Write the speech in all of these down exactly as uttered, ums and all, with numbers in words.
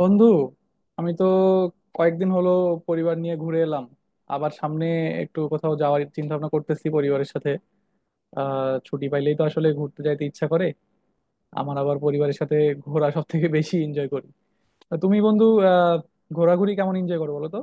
বন্ধু, আমি তো কয়েকদিন হলো পরিবার নিয়ে ঘুরে এলাম। আবার সামনে একটু কোথাও যাওয়ার চিন্তা ভাবনা করতেছি পরিবারের সাথে। আহ ছুটি পাইলেই তো আসলে ঘুরতে যাইতে ইচ্ছা করে। আমার আবার পরিবারের সাথে ঘোরা সব থেকে বেশি এনজয় করি। তা তুমি বন্ধু, আহ ঘোরাঘুরি কেমন এনজয় করো বলো তো?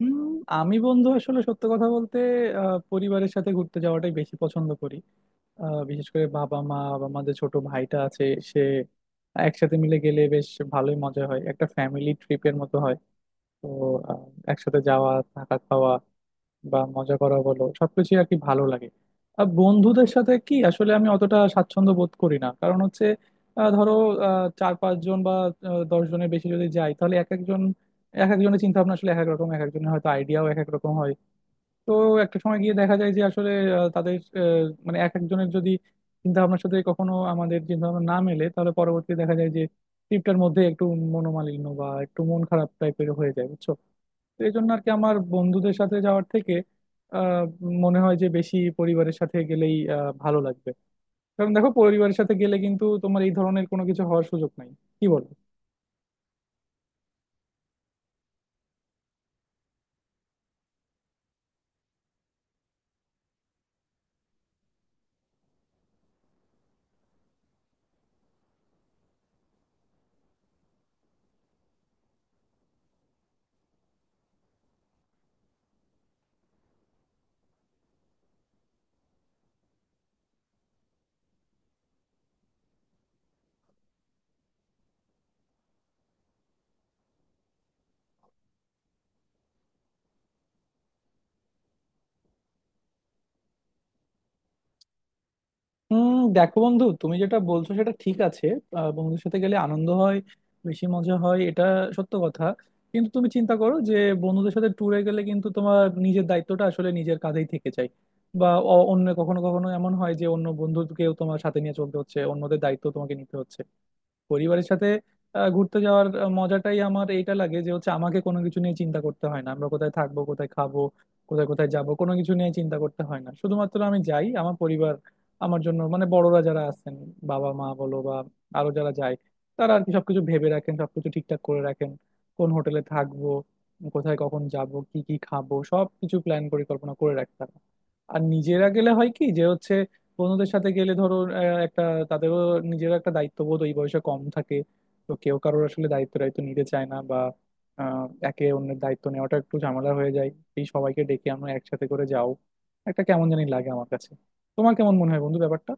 হুম। আমি বন্ধু আসলে সত্য কথা বলতে আহ পরিবারের সাথে ঘুরতে যাওয়াটাই বেশি পছন্দ করি। আহ বিশেষ করে বাবা মা বা আমাদের ছোট ভাইটা আছে, সে একসাথে মিলে গেলে বেশ ভালোই মজা হয়, একটা ফ্যামিলি ট্রিপের মতো হয়। তো আহ, একসাথে যাওয়া থাকা খাওয়া বা মজা করা বলো সবকিছু আর কি ভালো লাগে। আর বন্ধুদের সাথে কি আসলে আমি অতটা স্বাচ্ছন্দ্য বোধ করি না, কারণ হচ্ছে আহ, ধরো, আহ, চার পাঁচজন বা আহ, দশ জনের বেশি যদি যাই তাহলে এক একজন, এক একজনের চিন্তা ভাবনা আসলে এক এক রকম, এক একজনের হয়তো আইডিয়াও এক এক রকম হয়। তো একটা সময় গিয়ে দেখা যায় যে আসলে আহ, তাদের, আহ, মানে এক একজনের যদি চিন্তা ভাবনার সাথে কখনো আমাদের চিন্তা ভাবনা না মেলে তাহলে পরবর্তীতে দেখা যায় যে ট্রিপটার মধ্যে একটু মনোমালিন্য বা একটু মন খারাপ টাইপের হয়ে যায়, বুঝছো? তো এই জন্য আর কি আমার বন্ধুদের সাথে যাওয়ার থেকে আহ, মনে হয় যে বেশি পরিবারের সাথে গেলেই আহ, ভালো লাগবে। কারণ দেখো, পরিবারের সাথে গেলে কিন্তু তোমার এই ধরনের কোনো কিছু হওয়ার সুযোগ নাই। কি বলো? হুম। দেখো বন্ধু, তুমি যেটা বলছো সেটা ঠিক আছে। আহ, বন্ধুদের সাথে গেলে আনন্দ হয়, বেশি মজা হয়, এটা সত্য কথা। কিন্তু তুমি চিন্তা করো যে বন্ধুদের সাথে ট্যুরে গেলে কিন্তু তোমার নিজের দায়িত্বটা আসলে নিজের কাঁধেই থেকে যায়। বা অ- অন্য কখনো কখনো এমন হয় যে অন্য বন্ধুকেও তোমার সাথে নিয়ে চলতে হচ্ছে, অন্যদের দায়িত্ব তোমাকে নিতে হচ্ছে। পরিবারের সাথে আহ, ঘুরতে যাওয়ার আহ, মজাটাই আমার এইটা লাগে যে হচ্ছে আমাকে কোনো কিছু নিয়ে চিন্তা করতে হয় না, আমরা কোথায় থাকবো, কোথায় খাবো, কোথায় কোথায় যাব, কোনো কিছু নিয়ে চিন্তা করতে হয় না। শুধুমাত্র আমি যাই, আমার পরিবার আমার জন্য মানে বড়রা যারা আছেন, বাবা মা বলো বা আরো যারা যায় তারা আর কি সবকিছু ভেবে রাখেন, সবকিছু ঠিকঠাক করে রাখেন। কোন হোটেলে থাকবো, কোথায় কখন যাব, কি কি খাবো, সবকিছু প্ল্যান পরিকল্পনা করে রাখতে হয়। আর নিজেরা গেলে হয় কি যে হচ্ছে বন্ধুদের সাথে গেলে ধরো আহ, একটা তাদেরও, নিজেরও একটা দায়িত্ববোধ ওই বয়সে কম থাকে। তো কেউ কারোর আসলে দায়িত্ব দায়িত্ব নিতে চায় না, বা আহ, একে অন্যের দায়িত্ব নেওয়াটা একটু ঝামেলা হয়ে যায়। এই সবাইকে ডেকে আমরা একসাথে করে যাও, একটা কেমন জানি লাগে আমার কাছে। তোমার কেমন মনে হয় বন্ধু ব্যাপারটা?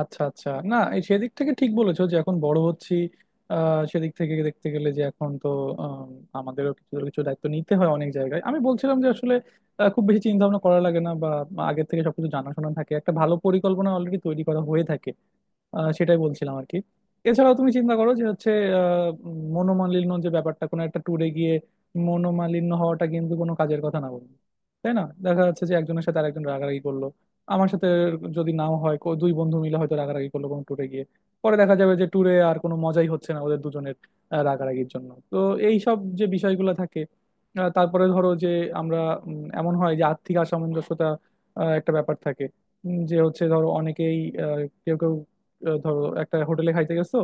আচ্ছা, আচ্ছা, না এই সেদিক থেকে ঠিক বলেছো যে এখন বড় হচ্ছি। আহ, সেদিক থেকে দেখতে গেলে যে এখন তো আম, আমাদেরও কিছু না কিছু দায়িত্ব নিতে হয় অনেক জায়গায়। আমি বলছিলাম যে আসলে আহ, খুব বেশি চিন্তা ভাবনা করা লাগে না, বা আগে থেকে সবকিছু জানাশোনা থাকে, একটা ভালো পরিকল্পনা অলরেডি তৈরি করা হয়ে থাকে। আহ, সেটাই বলছিলাম আর কি। এছাড়াও তুমি চিন্তা করো যে হচ্ছে আহ, উম, মনোমালিন্য যে ব্যাপারটা, কোনো একটা ট্যুরে গিয়ে মনোমালিন্য হওয়াটা কিন্তু কোনো কাজের কথা না বলবো, তাই না? দেখা যাচ্ছে যে একজনের সাথে আরেকজন রাগারাগি করলো। আমার সাথে যদি নাও হয়, কো- দুই বন্ধু মিলে হয়তো রাগারাগি করলো কোনো ট্যুরে গিয়ে, পরে দেখা যাবে যে ট্যুরে আর কোনো মজাই হচ্ছে না ওদের দুজনের আহ, রাগারাগির জন্য। তো এই সব যে বিষয়গুলো থাকে। আহ, তারপরে ধরো যে আমরা, উম, এমন হয় যে আর্থিক অসামঞ্জস্যতা আহ, একটা ব্যাপার থাকে। উম, যে হচ্ছে ধরো অনেকেই, আহ, কেউ কেউ, আহ, ধরো একটা হোটেলে খাইতে গেছো,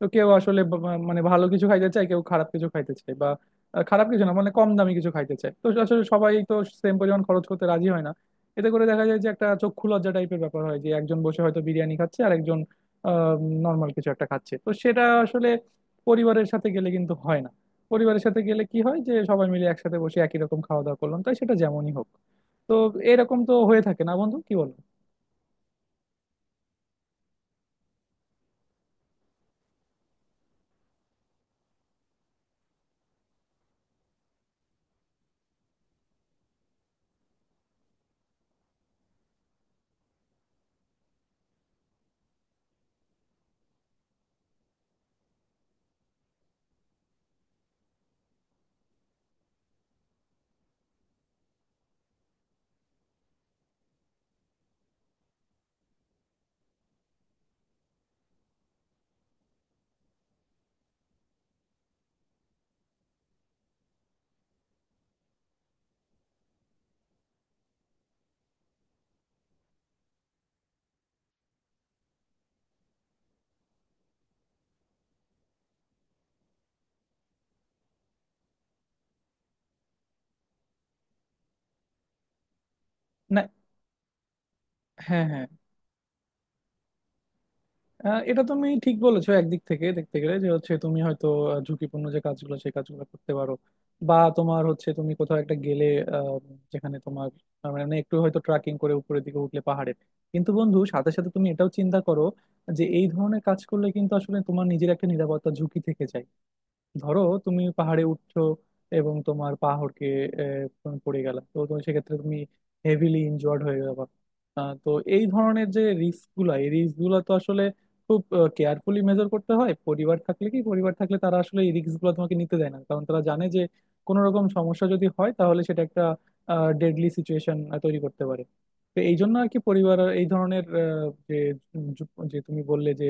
তো কেউ আসলে বা- বা- মানে ভালো কিছু খাইতে চায়, কেউ খারাপ কিছু খাইতে চায়, বা আহ, খারাপ কিছু না মানে কম দামি কিছু খাইতে চায়। তো আসলে সবাই তো সেম পরিমাণ খরচ করতে রাজি হয় না। এতে করে দেখা যায় যে একটা চক্ষু লজ্জা টাইপের ব্যাপার হয় যে একজন বসে হয়তো বিরিয়ানি খাচ্ছে আর একজন নর্মাল কিছু একটা খাচ্ছে, তো সেটা আসলে পরিবারের সাথে গেলে কিন্তু হয় না। পরিবারের সাথে গেলে কি হয় যে সবাই মিলে একসাথে বসে একই রকম খাওয়া দাওয়া করলাম, তাই সেটা যেমনই হোক। তো এরকম তো হয়ে থাকে না বন্ধু, কি বলো? না, হ্যাঁ, হ্যাঁ। আহ, এটা তুমি ঠিক বলেছো, একদিক থেকে দেখতে গেলে যে হচ্ছে তুমি হয়তো আহ, ঝুঁকিপূর্ণ যে কাজগুলো সেই কাজগুলো করতে পারো, বা তোমার হচ্ছে তুমি কোথাও একটা গেলে আহ, যেখানে তোমার আহ, মানে একটু হয়তো ট্রাকিং করে উপরের দিকে উঠলে পাহাড়ে। কিন্তু বন্ধু সাথে সাথে তুমি এটাও চিন্তা করো যে এই ধরনের কাজ করলে কিন্তু আসলে তোমার নিজের একটা নিরাপত্তা ঝুঁকি থেকে যায়। ধরো তুমি পাহাড়ে উঠছো এবং তোমার পা হড়কে আহ, তুমি পড়ে গেলা, তো তুমি সেক্ষেত্রে তুমি হেভিলি ইনজয়ার্ড হয়ে যাবা। আহ, তো এই ধরনের যে রিস্ক গুলা, এই রিস্ক গুলা তো আসলে খুব কেয়ারফুলি মেজার করতে হয়। পরিবার থাকলে কি, পরিবার থাকলে তারা আসলে এই রিস্ক গুলো তোমাকে নিতে দেয় না, কারণ তারা জানে যে কোনো রকম সমস্যা যদি হয় তাহলে সেটা একটা ডেডলি সিচুয়েশন তৈরি করতে পারে। তো এই জন্য আর কি পরিবার এই ধরনের আহ, যে যে তুমি বললে যে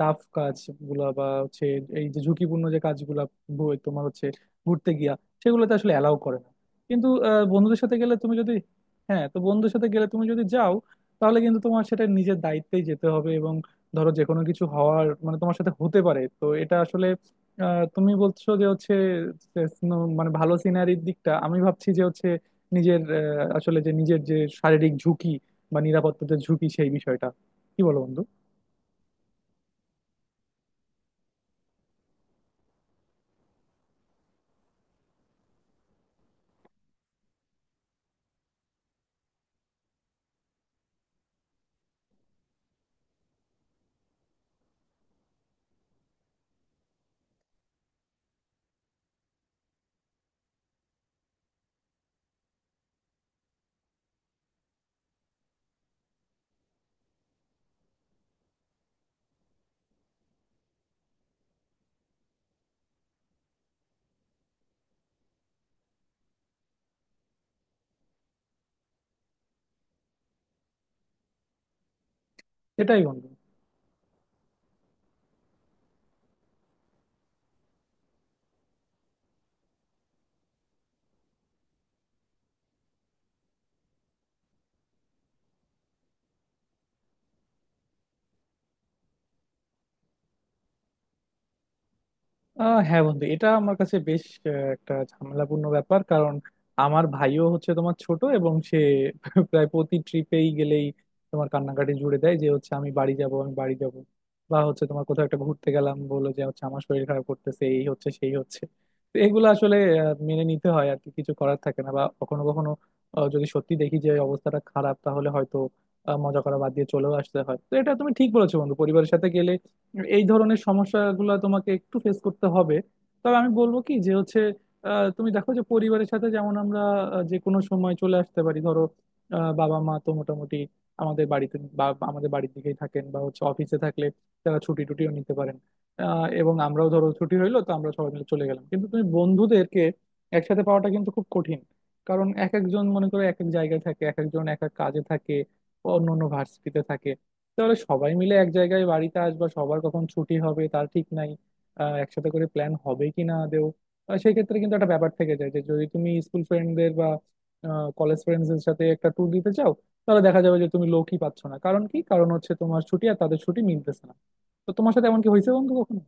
টাফ কাজগুলা বা হচ্ছে এই যে ঝুঁকিপূর্ণ যে কাজগুলা, ভু- তোমার হচ্ছে ঘুরতে গিয়া সেগুলোতে আসলে অ্যালাউ করে না। কিন্তু আহ, বন্ধুদের সাথে গেলে তুমি যদি, হ্যাঁ, তো বন্ধুদের সাথে গেলে তুমি যদি যাও তাহলে কিন্তু তোমার সেটা নিজের দায়িত্বেই যেতে হবে, এবং ধরো যে কোনো কিছু হওয়ার মানে তোমার সাথে হতে পারে, তো এটা আসলে আহ, তুমি বলছো যে হচ্ছে যে snow- মানে ভালো সিনারির দিকটা আমি ভাবছি, যে হচ্ছে নিজের আহ, আসলে যে নিজের যে শারীরিক ঝুঁকি বা নিরাপত্তার যে ঝুঁকি সেই বিষয়টা। কি বলো বন্ধু? এটাই বন্ধু। আহ হ্যাঁ বন্ধু, এটা আমার কাছে বেশ আহ, একটা ঝামেলাপূর্ণ ব্যাপার। কারণ আমার ভাইও হচ্ছে তোমার ছোট, এবং সে প্রায় প্রতি ট্রিপেই গেলেই তোমার কান্নাকাটি জুড়ে দেয় যে হচ্ছে আমি বাড়ি যাব, আমি বাড়ি যাব, বা হচ্ছে তোমার কোথাও একটা ঘুরতে গেলাম বলে যে হচ্ছে আমার শরীর খারাপ করতেছে, এই হচ্ছে সেই হচ্ছে। তো এগুলো আসলে আহ, মেনে নিতে হয় আর কি, কিছু করার থাকে না। বা কখনো কখনো আহ, যদি সত্যি দেখি যে অবস্থাটা খারাপ তাহলে হয়তো আহ, মজা করা বাদ দিয়ে চলেও আসতে হয়। তো এটা তুমি ঠিক বলেছো বন্ধু, পরিবারের সাথে গেলে এই ধরনের সমস্যাগুলো তোমাকে একটু ফেস করতে হবে। তবে আমি বলবো কি যে হচ্ছে আহ, তুমি দেখো যে পরিবারের সাথে যেমন আমরা আহ, যে কোনো সময় চলে আসতে পারি। ধরো আহ, বাবা মা তো মোটামুটি আমাদের বাড়িতে বা আমাদের বাড়ির দিকেই থাকেন, বা হচ্ছে অফিসে থাকলে তারা ছুটি টুটিও নিতে পারেন। আহ, এবং আমরাও ধরো ছুটি হইলো তো আমরা সবাই মিলে চলে গেলাম। কিন্তু তুমি বন্ধুদেরকে একসাথে পাওয়াটা কিন্তু খুব কঠিন, কারণ এক একজন মনে করো এক এক জায়গায় থাকে, এক একজন এক এক কাজে থাকে, অন্য অন্য ভার্সিটিতে থাকে। তাহলে সবাই মিলে এক জায়গায় বাড়িতে আসবা, সবার কখন ছুটি হবে তার ঠিক নাই। আহ, একসাথে করে প্ল্যান হবে কি না আদেও। আহ, সেই ক্ষেত্রে কিন্তু একটা ব্যাপার থেকে যায় যে যদি তুমি স্কুল ফ্রেন্ডদের বা কলেজ ফ্রেন্ডসদের সাথে একটা ট্যুর দিতে চাও তাহলে দেখা যাবে যে তুমি লোকই পাচ্ছ না। কারণ কি? কারণ হচ্ছে তোমার ছুটি আর তাদের ছুটি মিলতেছে না। তো তোমার সাথে এমন কি হয়েছে বন্ধু কখনো?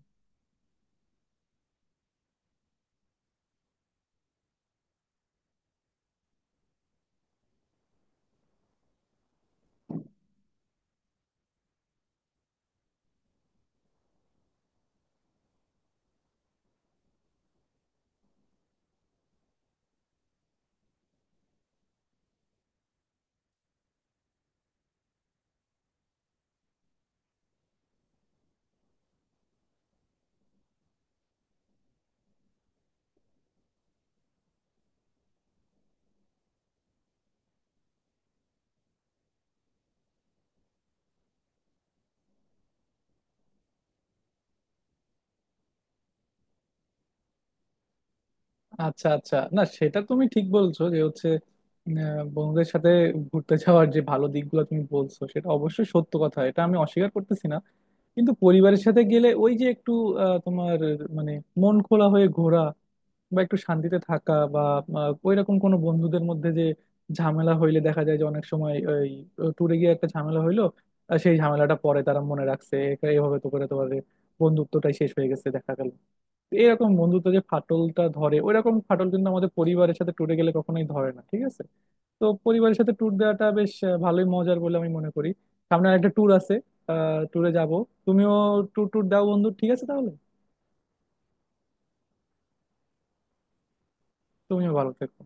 আচ্ছা, আচ্ছা, না সেটা তুমি ঠিক বলছো যে হচ্ছে আহ, বন্ধুদের সাথে ঘুরতে যাওয়ার যে ভালো দিকগুলো তুমি বলছো সেটা অবশ্যই সত্য কথা, এটা আমি অস্বীকার করতেছি না। কিন্তু পরিবারের সাথে গেলে ওই যে একটু আহ, তোমার মানে মন খোলা হয়ে ঘোরা বা একটু শান্তিতে থাকা, বা আহ, ওইরকম কোনো বন্ধুদের মধ্যে যে ঝামেলা হইলে দেখা যায় যে অনেক সময় ওই ট্যুরে গিয়ে একটা ঝামেলা হইলো আর সেই ঝামেলাটা পরে তারা মনে রাখছে, এটা এভাবে তো করে তোমার বন্ধুত্বটাই শেষ হয়ে গেছে দেখা গেল। এরকম বন্ধুত্ব যে ফাটলটা ধরে ওইরকম ফাটল কিন্তু আমাদের পরিবারের সাথে ট্যুরে গেলে কখনোই ধরে না, ঠিক আছে। তো পরিবারের সাথে ট্যুর দেওয়াটা বেশ আহ, ভালোই মজার বলে আমি মনে করি। সামনে একটা ট্যুর আছে, আহ ট্যুরে যাব। তুমিও ট্যুর ট্যুর দাও বন্ধু, ঠিক আছে তাহলে? তুমিও ভালো থেকো।